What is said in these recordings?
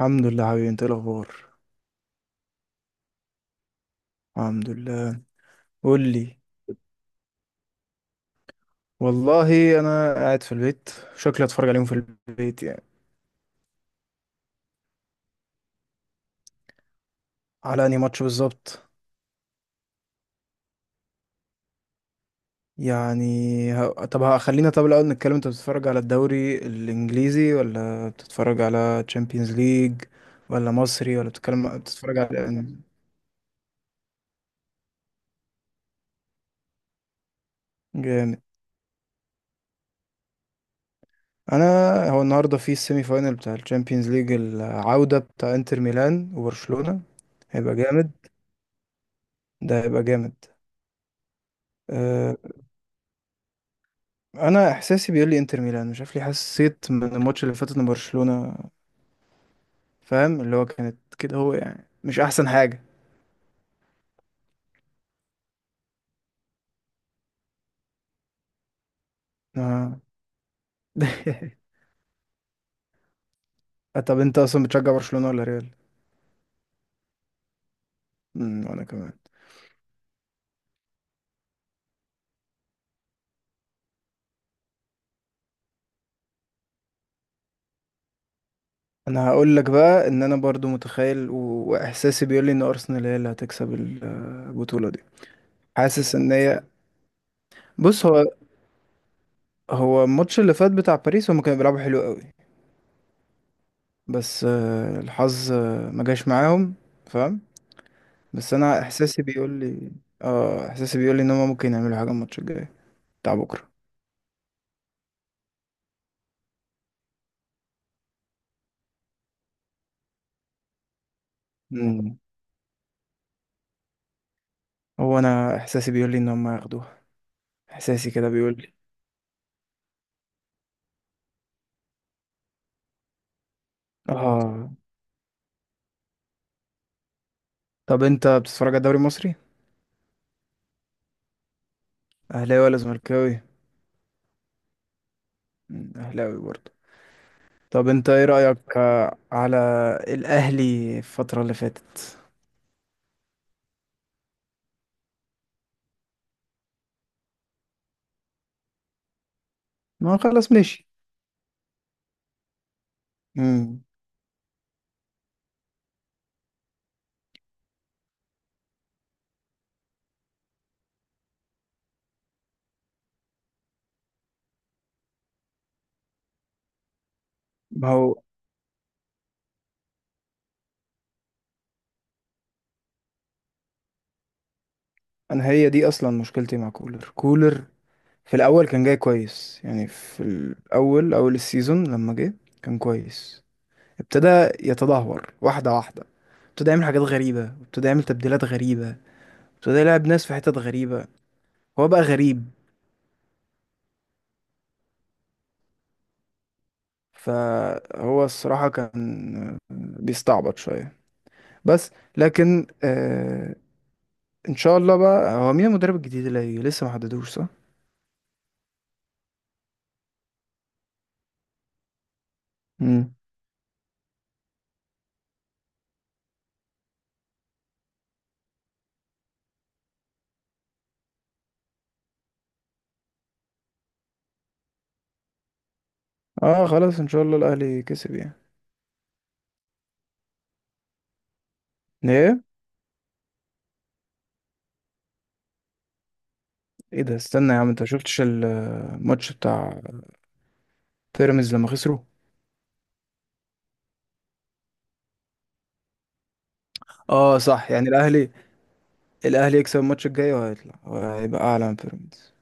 الحمد لله، حبيبي، انت ايه الاخبار؟ الحمد لله. قول لي. والله انا قاعد في البيت. شكلي اتفرج عليهم في البيت يعني. على انهي ماتش بالظبط؟ يعني. خلينا طب الاول نتكلم. انت بتتفرج على الدوري الانجليزي ولا بتتفرج على تشامبيونز ليج ولا مصري ولا بتتكلم بتتفرج على... جامد. انا... هو النهارده في السيمي فاينل بتاع الشامبيونز ليج، العودة بتاع انتر ميلان وبرشلونة. هيبقى جامد. ده هيبقى جامد. آه، انا احساسي بيقول لي انتر ميلان. مش عارف ليه، حسيت من الماتش اللي فاتت ان برشلونة، فاهم اللي هو كانت كده، هو يعني مش احسن حاجة. آه. طب انت اصلا بتشجع برشلونة ولا ريال؟ وانا كمان. انا هقول لك بقى ان انا برضو متخيل واحساسي بيقول لي ان ارسنال هي اللي هتكسب البطولة دي. حاسس ان هي... بص هو... هو الماتش اللي فات بتاع باريس، هم كانوا بيلعبوا حلو قوي. بس الحظ ما جاش معاهم. فاهم. بس انا احساسي بيقول لي... اه، احساسي بيقول لي ان هم ممكن يعملوا حاجه الماتش الجاي، بتاع بكره. امم. هو انا احساسي بيقول لي ان هم هياخدوها. احساسي كده بيقول لي. اه. طب انت بتتفرج على الدوري المصري؟ اهلاوي ولا زملكاوي؟ اهلاوي برضه. طب انت ايه رايك على الاهلي الفتره اللي فاتت؟ ما هو خلاص، ماشي. امم. ما هو انا هي دي اصلا مشكلتي مع كولر. كولر في الاول كان جاي كويس، يعني في الاول اول السيزون لما جه كان كويس. ابتدى يتدهور واحدة واحدة. ابتدى يعمل حاجات غريبة، ابتدى يعمل تبديلات غريبة. ابتدى يلعب ناس في حتت غريبة. هو بقى غريب. فهو الصراحة كان بيستعبط شوية بس. لكن ان شاء الله بقى، هو مين المدرب الجديد اللي هيجي؟ لسه ما حددوش صح؟ مم. اه خلاص، ان شاء الله الاهلي كسب يعني. ايه ايه ده، استنى يا عم، انت شفتش الماتش بتاع بيراميدز لما خسروا؟ اه صح، يعني الاهلي. الاهلي يكسب الماتش الجاي وهيطلع، وهيبقى اعلى من بيراميدز.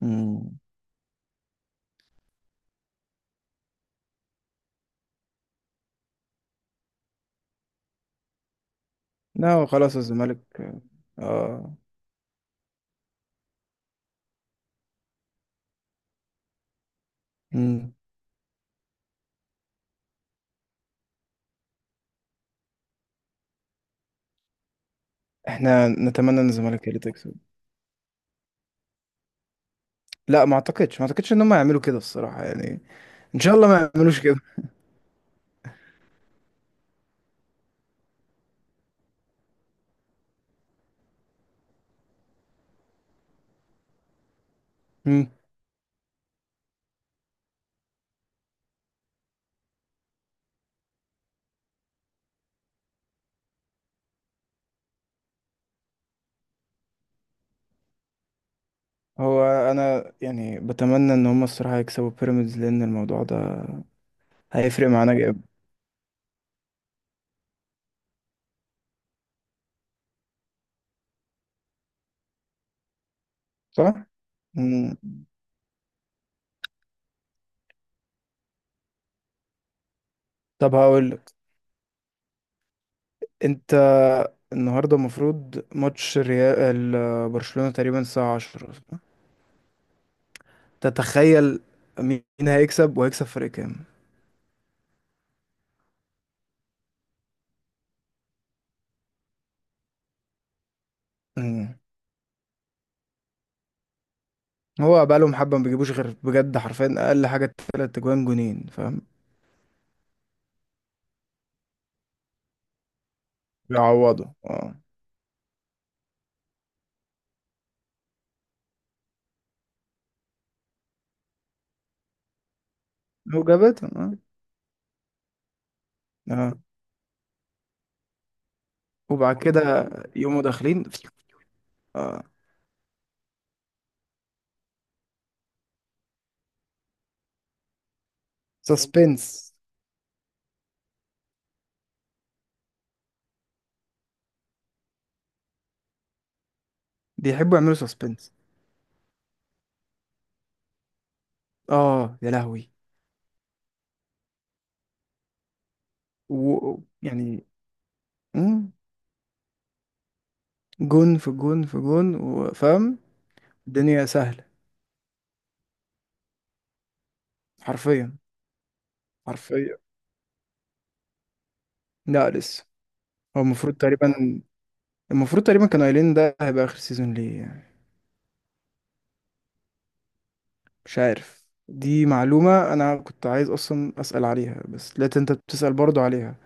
مم. لا هو خلاص الزمالك... اه. مم. احنا نتمنى ان الزمالك هي اللي تكسب. لا، ما اعتقدش، ما اعتقدش ان هم يعملوا كده الصراحة يعني. ان شاء الله ما يعملوش كده. مم. هو انا يعني بتمنى ان هم الصراحة يكسبوا بيراميدز، لان الموضوع ده هيفرق معانا جامد. صح؟ مم. طب هقول لك، انت النهارده المفروض ماتش ريال برشلونة تقريبا الساعة 10. تتخيل مين هيكسب وهيكسب فرق كام؟ مم. هو بقالهم حبة ما بيجيبوش غير بجد، حرفيا أقل حاجة تلات أجوان، جونين فاهم. بيعوضوا، اه. لو جابتهم، اه. اه، وبعد كده يقوموا داخلين. اه. سسبنس. بيحبوا يعملوا سسبنس. اه يا لهوي. و... يعني... مم، جون في جون في جون وفاهم. الدنيا سهلة. حرفيا. حرفيا. لا لسه. هو المفروض تقريبا، المفروض تقريبا كانوا قايلين ده هيبقى آخر سيزون ليه يعني. مش عارف. دي معلومة أنا كنت عايز أصلا أسأل عليها، بس لقيت أنت بتسأل برضو عليها.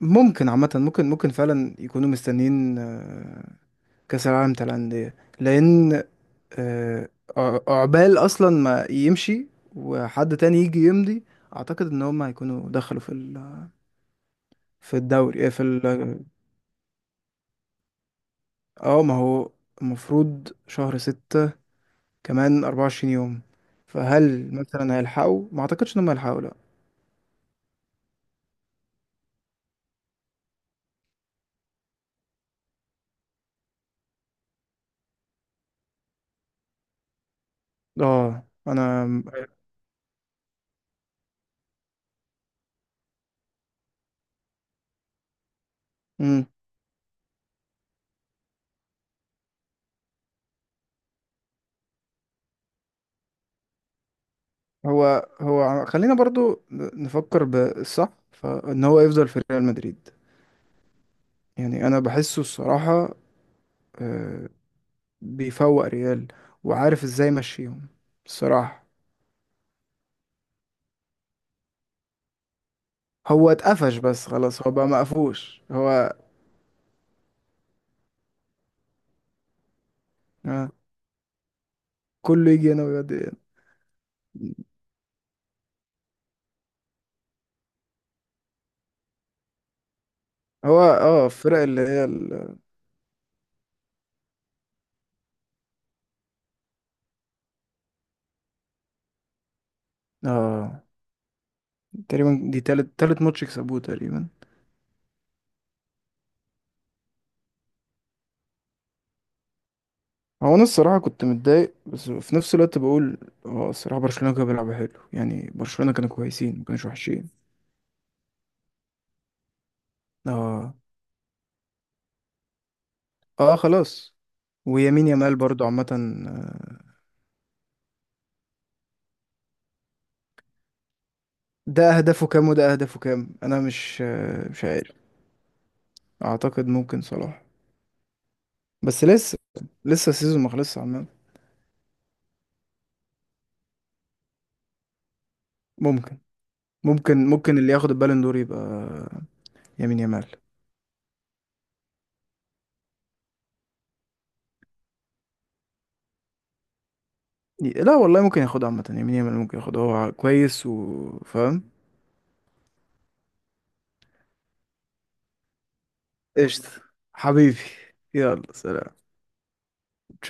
ممكن عامة، ممكن فعلا يكونوا مستنيين كأس العالم بتاع الأندية. لأن آه، عقبال أصلا ما يمشي وحد تاني يجي يمضي. أعتقد إن هما هيكونوا دخلوا في ال... في الدوري في ال... اه ما هو المفروض شهر ستة، كمان 24 يوم. فهل مثلا هيلحقوا؟ ما أعتقدش إن هما هيلحقوا، لأ. اه، انا... امم. هو خلينا برضو نفكر بالصح، فان هو يفضل في ريال مدريد يعني. انا بحسه الصراحة آه، بيفوق ريال وعارف ازاي يمشيهم. الصراحة هو اتقفش بس، خلاص هو بقى مقفوش هو آه، كله يجي هنا ويودي هنا. هو اه، الفرق اللي هي اه، تقريبا دي تالت ماتش يكسبوه تقريبا. هو انا الصراحه كنت متضايق، بس في نفس الوقت بقول اه، الصراحه برشلونه كانوا بيلعبوا حلو، يعني برشلونه كانوا كويسين ما كانوش وحشين. اه. اه خلاص. ويمين يامال برضو عامه ده اهدافه كام وده اهدافه كام، انا مش مش عارف. اعتقد ممكن صلاح، بس لسه، لسه السيزون ما خلصش عامه. ممكن. ممكن اللي ياخد البالون دور يبقى يمين يامال. لا والله، ممكن ياخدها عامه، يمين يامال ممكن ياخدها، هو كويس وفاهم. قشطة. حبيبي. يلا سلام. ترجمة نانسي قنقر.